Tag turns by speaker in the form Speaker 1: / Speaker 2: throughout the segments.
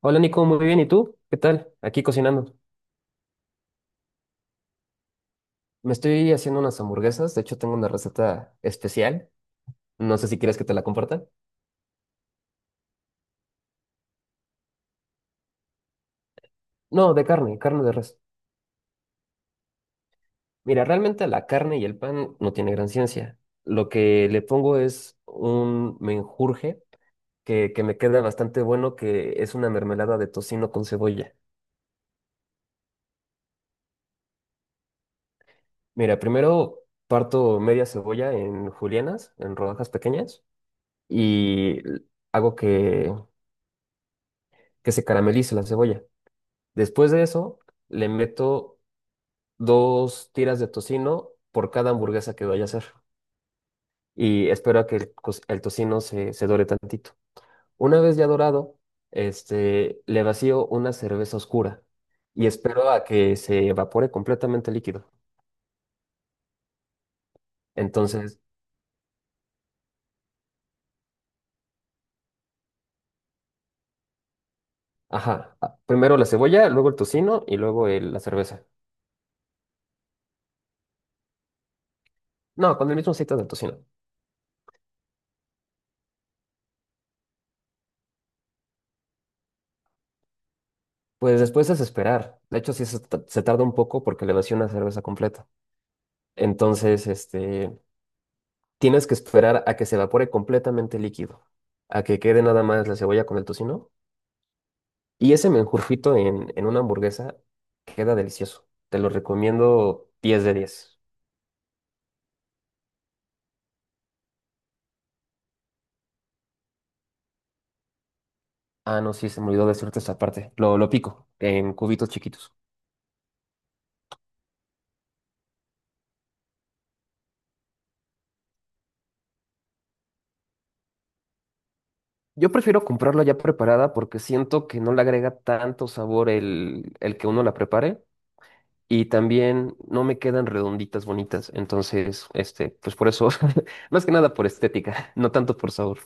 Speaker 1: Hola Nico, muy bien. ¿Y tú? ¿Qué tal? Aquí cocinando. Me estoy haciendo unas hamburguesas. De hecho, tengo una receta especial. No sé si quieres que te la comparta. No, de carne, carne de res. Mira, realmente la carne y el pan no tiene gran ciencia. Lo que le pongo es un menjurje que me queda bastante bueno, que es una mermelada de tocino con cebolla. Mira, primero parto media cebolla en julianas, en rodajas pequeñas, y hago que se caramelice la cebolla. Después de eso, le meto dos tiras de tocino por cada hamburguesa que vaya a hacer. Y espero a que el tocino se dore tantito. Una vez ya dorado, le vacío una cerveza oscura y espero a que se evapore completamente el líquido. Entonces, ajá, primero la cebolla, luego el tocino y luego la cerveza. No, con el mismo aceite del tocino. Pues después es esperar. De hecho, sí, se tarda un poco porque le vacío una cerveza completa. Entonces, tienes que esperar a que se evapore completamente el líquido, a que quede nada más la cebolla con el tocino. Y ese menjurfito en una hamburguesa queda delicioso. Te lo recomiendo 10 de 10. Ah, no, sí, se me olvidó decirte esta parte. Lo pico en cubitos chiquitos. Yo prefiero comprarla ya preparada porque siento que no le agrega tanto sabor el que uno la prepare. Y también no me quedan redonditas bonitas. Entonces, pues por eso, más que nada por estética, no tanto por sabor.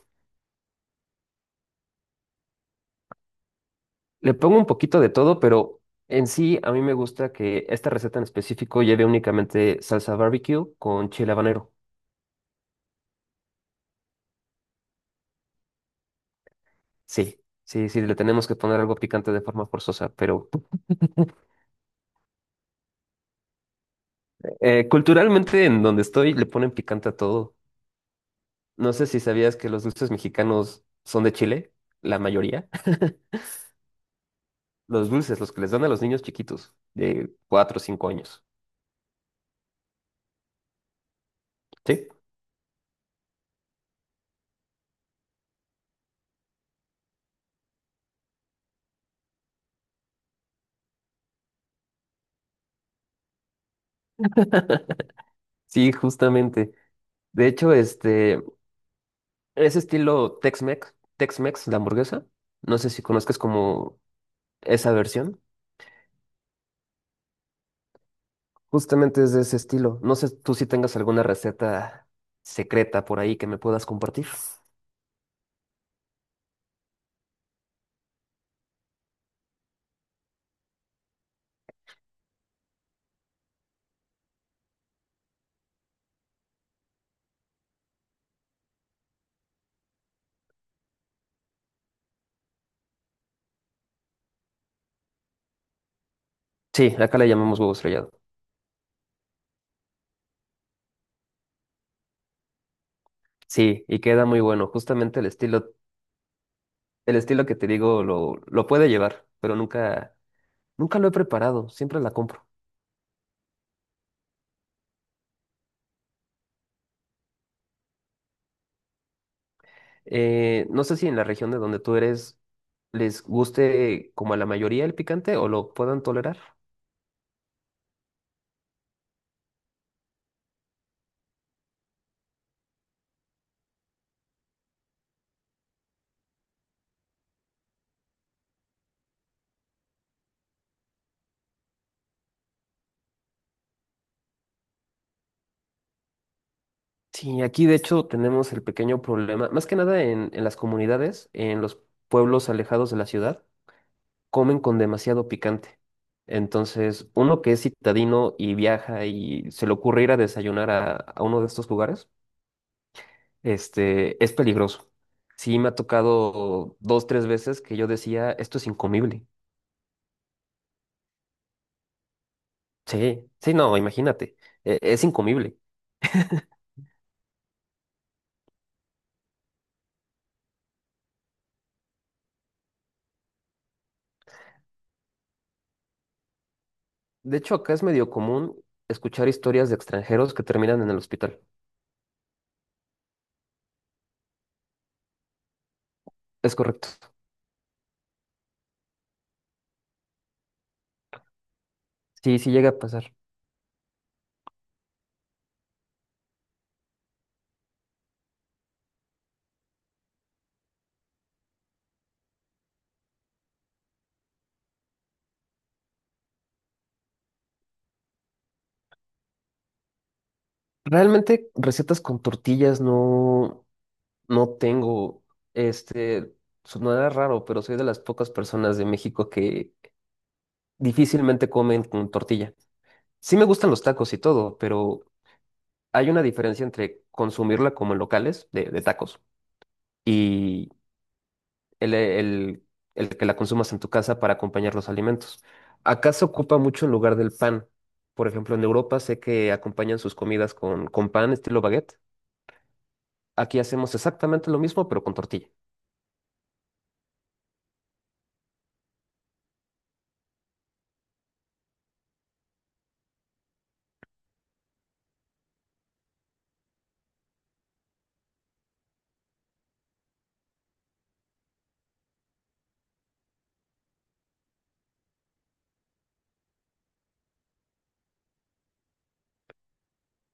Speaker 1: Le pongo un poquito de todo, pero en sí a mí me gusta que esta receta en específico lleve únicamente salsa barbecue con chile habanero. Sí, sí, sí, le tenemos que poner algo picante de forma forzosa, pero culturalmente en donde estoy le ponen picante a todo. No sé si sabías que los dulces mexicanos son de Chile, la mayoría. Los dulces, los que les dan a los niños chiquitos de 4 o 5 años. Sí, sí, justamente. De hecho, es estilo Tex-Mex, Tex-Mex, la hamburguesa. No sé si conozcas como esa versión. Justamente es de ese estilo. No sé tú si tengas alguna receta secreta por ahí que me puedas compartir. Sí, acá le llamamos huevo estrellado. Sí, y queda muy bueno. Justamente el estilo que te digo lo puede llevar, pero nunca, nunca lo he preparado. Siempre la compro. No sé si en la región de donde tú eres les guste como a la mayoría el picante o lo puedan tolerar. Sí, aquí de hecho tenemos el pequeño problema, más que nada en las comunidades, en los pueblos alejados de la ciudad, comen con demasiado picante. Entonces, uno que es citadino y viaja y se le ocurre ir a desayunar a uno de estos lugares, es peligroso. Sí, me ha tocado dos, tres veces que yo decía, esto es incomible. Sí, sí, no, imagínate, es incomible. De hecho, acá es medio común escuchar historias de extranjeros que terminan en el hospital. Es correcto. Sí, sí llega a pasar. Realmente recetas con tortillas no tengo. Este, Sonará raro, pero soy de las pocas personas de México que difícilmente comen con tortilla. Sí me gustan los tacos y todo, pero hay una diferencia entre consumirla como en locales de tacos y el, el, el que la consumas en tu casa para acompañar los alimentos. Acá se ocupa mucho en lugar del pan. Por ejemplo, en Europa sé que acompañan sus comidas con pan estilo baguette. Aquí hacemos exactamente lo mismo, pero con tortilla.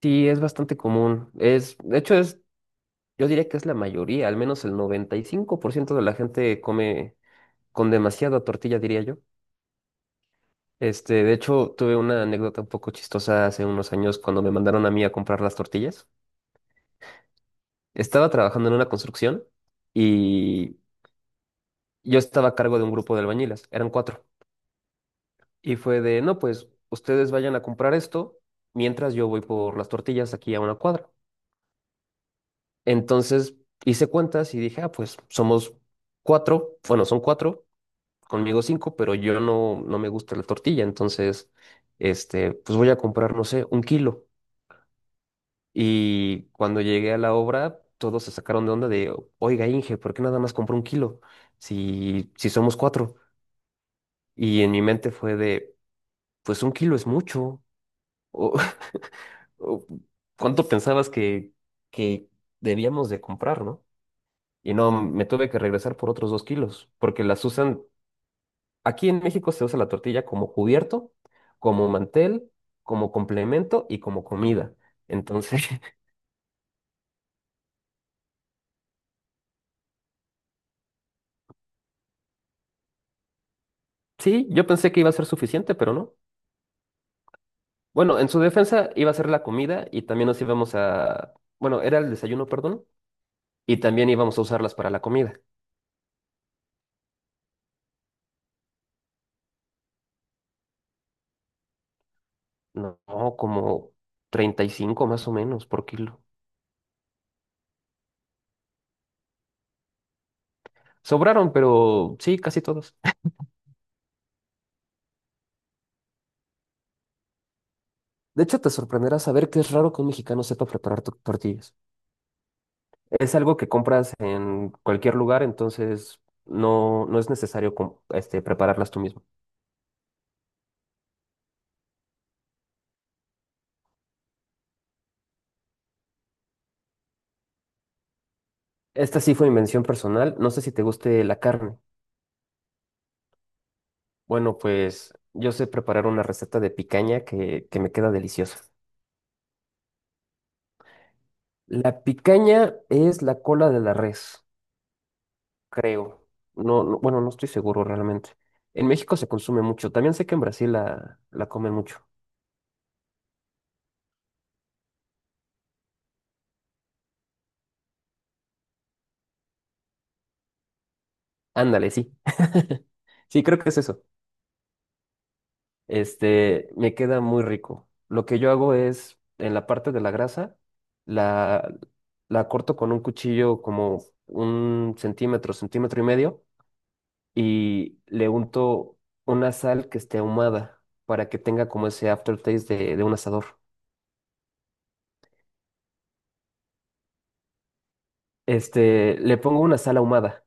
Speaker 1: Sí, es bastante común. De hecho, es, yo diría que es la mayoría, al menos el 95% de la gente come con demasiada tortilla, diría yo. De hecho, tuve una anécdota un poco chistosa hace unos años cuando me mandaron a mí a comprar las tortillas. Estaba trabajando en una construcción y yo estaba a cargo de un grupo de albañiles, eran cuatro. Y fue de, no, pues ustedes vayan a comprar esto mientras yo voy por las tortillas aquí a una cuadra. Entonces hice cuentas y dije, ah, pues somos cuatro, bueno, son cuatro, conmigo cinco, pero yo no me gusta la tortilla, entonces, pues voy a comprar, no sé, 1 kilo. Y cuando llegué a la obra, todos se sacaron de onda de, oiga, Inge, ¿por qué nada más compró un kilo? Si, si somos cuatro. Y en mi mente fue de, pues un kilo es mucho. O, o, ¿cuánto pensabas que debíamos de comprar, no? Y no, me tuve que regresar por otros 2 kilos, porque las usan, aquí en México se usa la tortilla como cubierto, como mantel, como complemento y como comida. Entonces, sí, yo pensé que iba a ser suficiente, pero no. Bueno, en su defensa iba a ser la comida y también nos íbamos a, bueno, era el desayuno, perdón, y también íbamos a usarlas para la comida. No, como 35 más o menos por kilo. Sobraron, pero sí, casi todos. De hecho, te sorprenderá saber que es raro que un mexicano sepa preparar tortillas. Es algo que compras en cualquier lugar, entonces no es necesario prepararlas tú mismo. Esta sí fue invención personal. No sé si te guste la carne. Bueno, pues yo sé preparar una receta de picaña que me queda deliciosa. La picaña es la cola de la res, creo. No, bueno, no estoy seguro realmente. En México se consume mucho. También sé que en Brasil la comen mucho. Ándale, sí. Sí, creo que es eso. Me queda muy rico. Lo que yo hago es, en la parte de la grasa, la, la corto con un cuchillo como un centímetro, centímetro y medio, y le unto una sal que esté ahumada para que tenga como ese aftertaste de un asador. Le pongo una sal ahumada.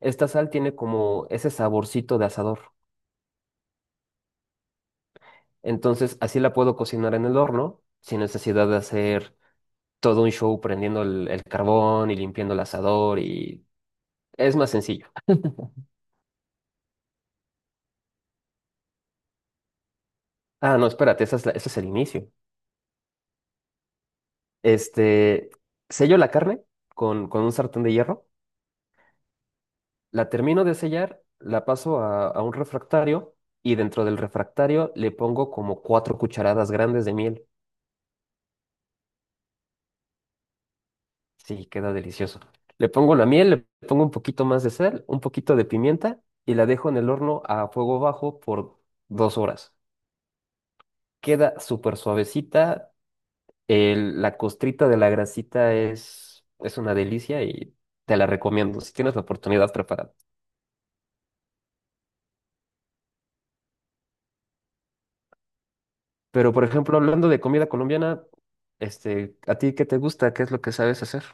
Speaker 1: Esta sal tiene como ese saborcito de asador. Entonces, así la puedo cocinar en el horno sin necesidad de hacer todo un show prendiendo el carbón y limpiando el asador y es más sencillo. Ah, no, espérate, esa es ese es el inicio. Este, Sello la carne con un sartén de hierro, la termino de sellar, la paso a un refractario y dentro del refractario le pongo como 4 cucharadas grandes de miel. Sí, queda delicioso. Le pongo la miel, le pongo un poquito más de sal, un poquito de pimienta y la dejo en el horno a fuego bajo por 2 horas. Queda súper suavecita, la costrita de la grasita es una delicia y te la recomiendo si tienes la oportunidad preparada. Pero, por ejemplo, hablando de comida colombiana, ¿a ti qué te gusta? ¿Qué es lo que sabes hacer?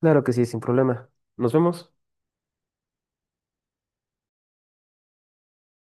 Speaker 1: Claro que sí, sin problema. Nos vemos.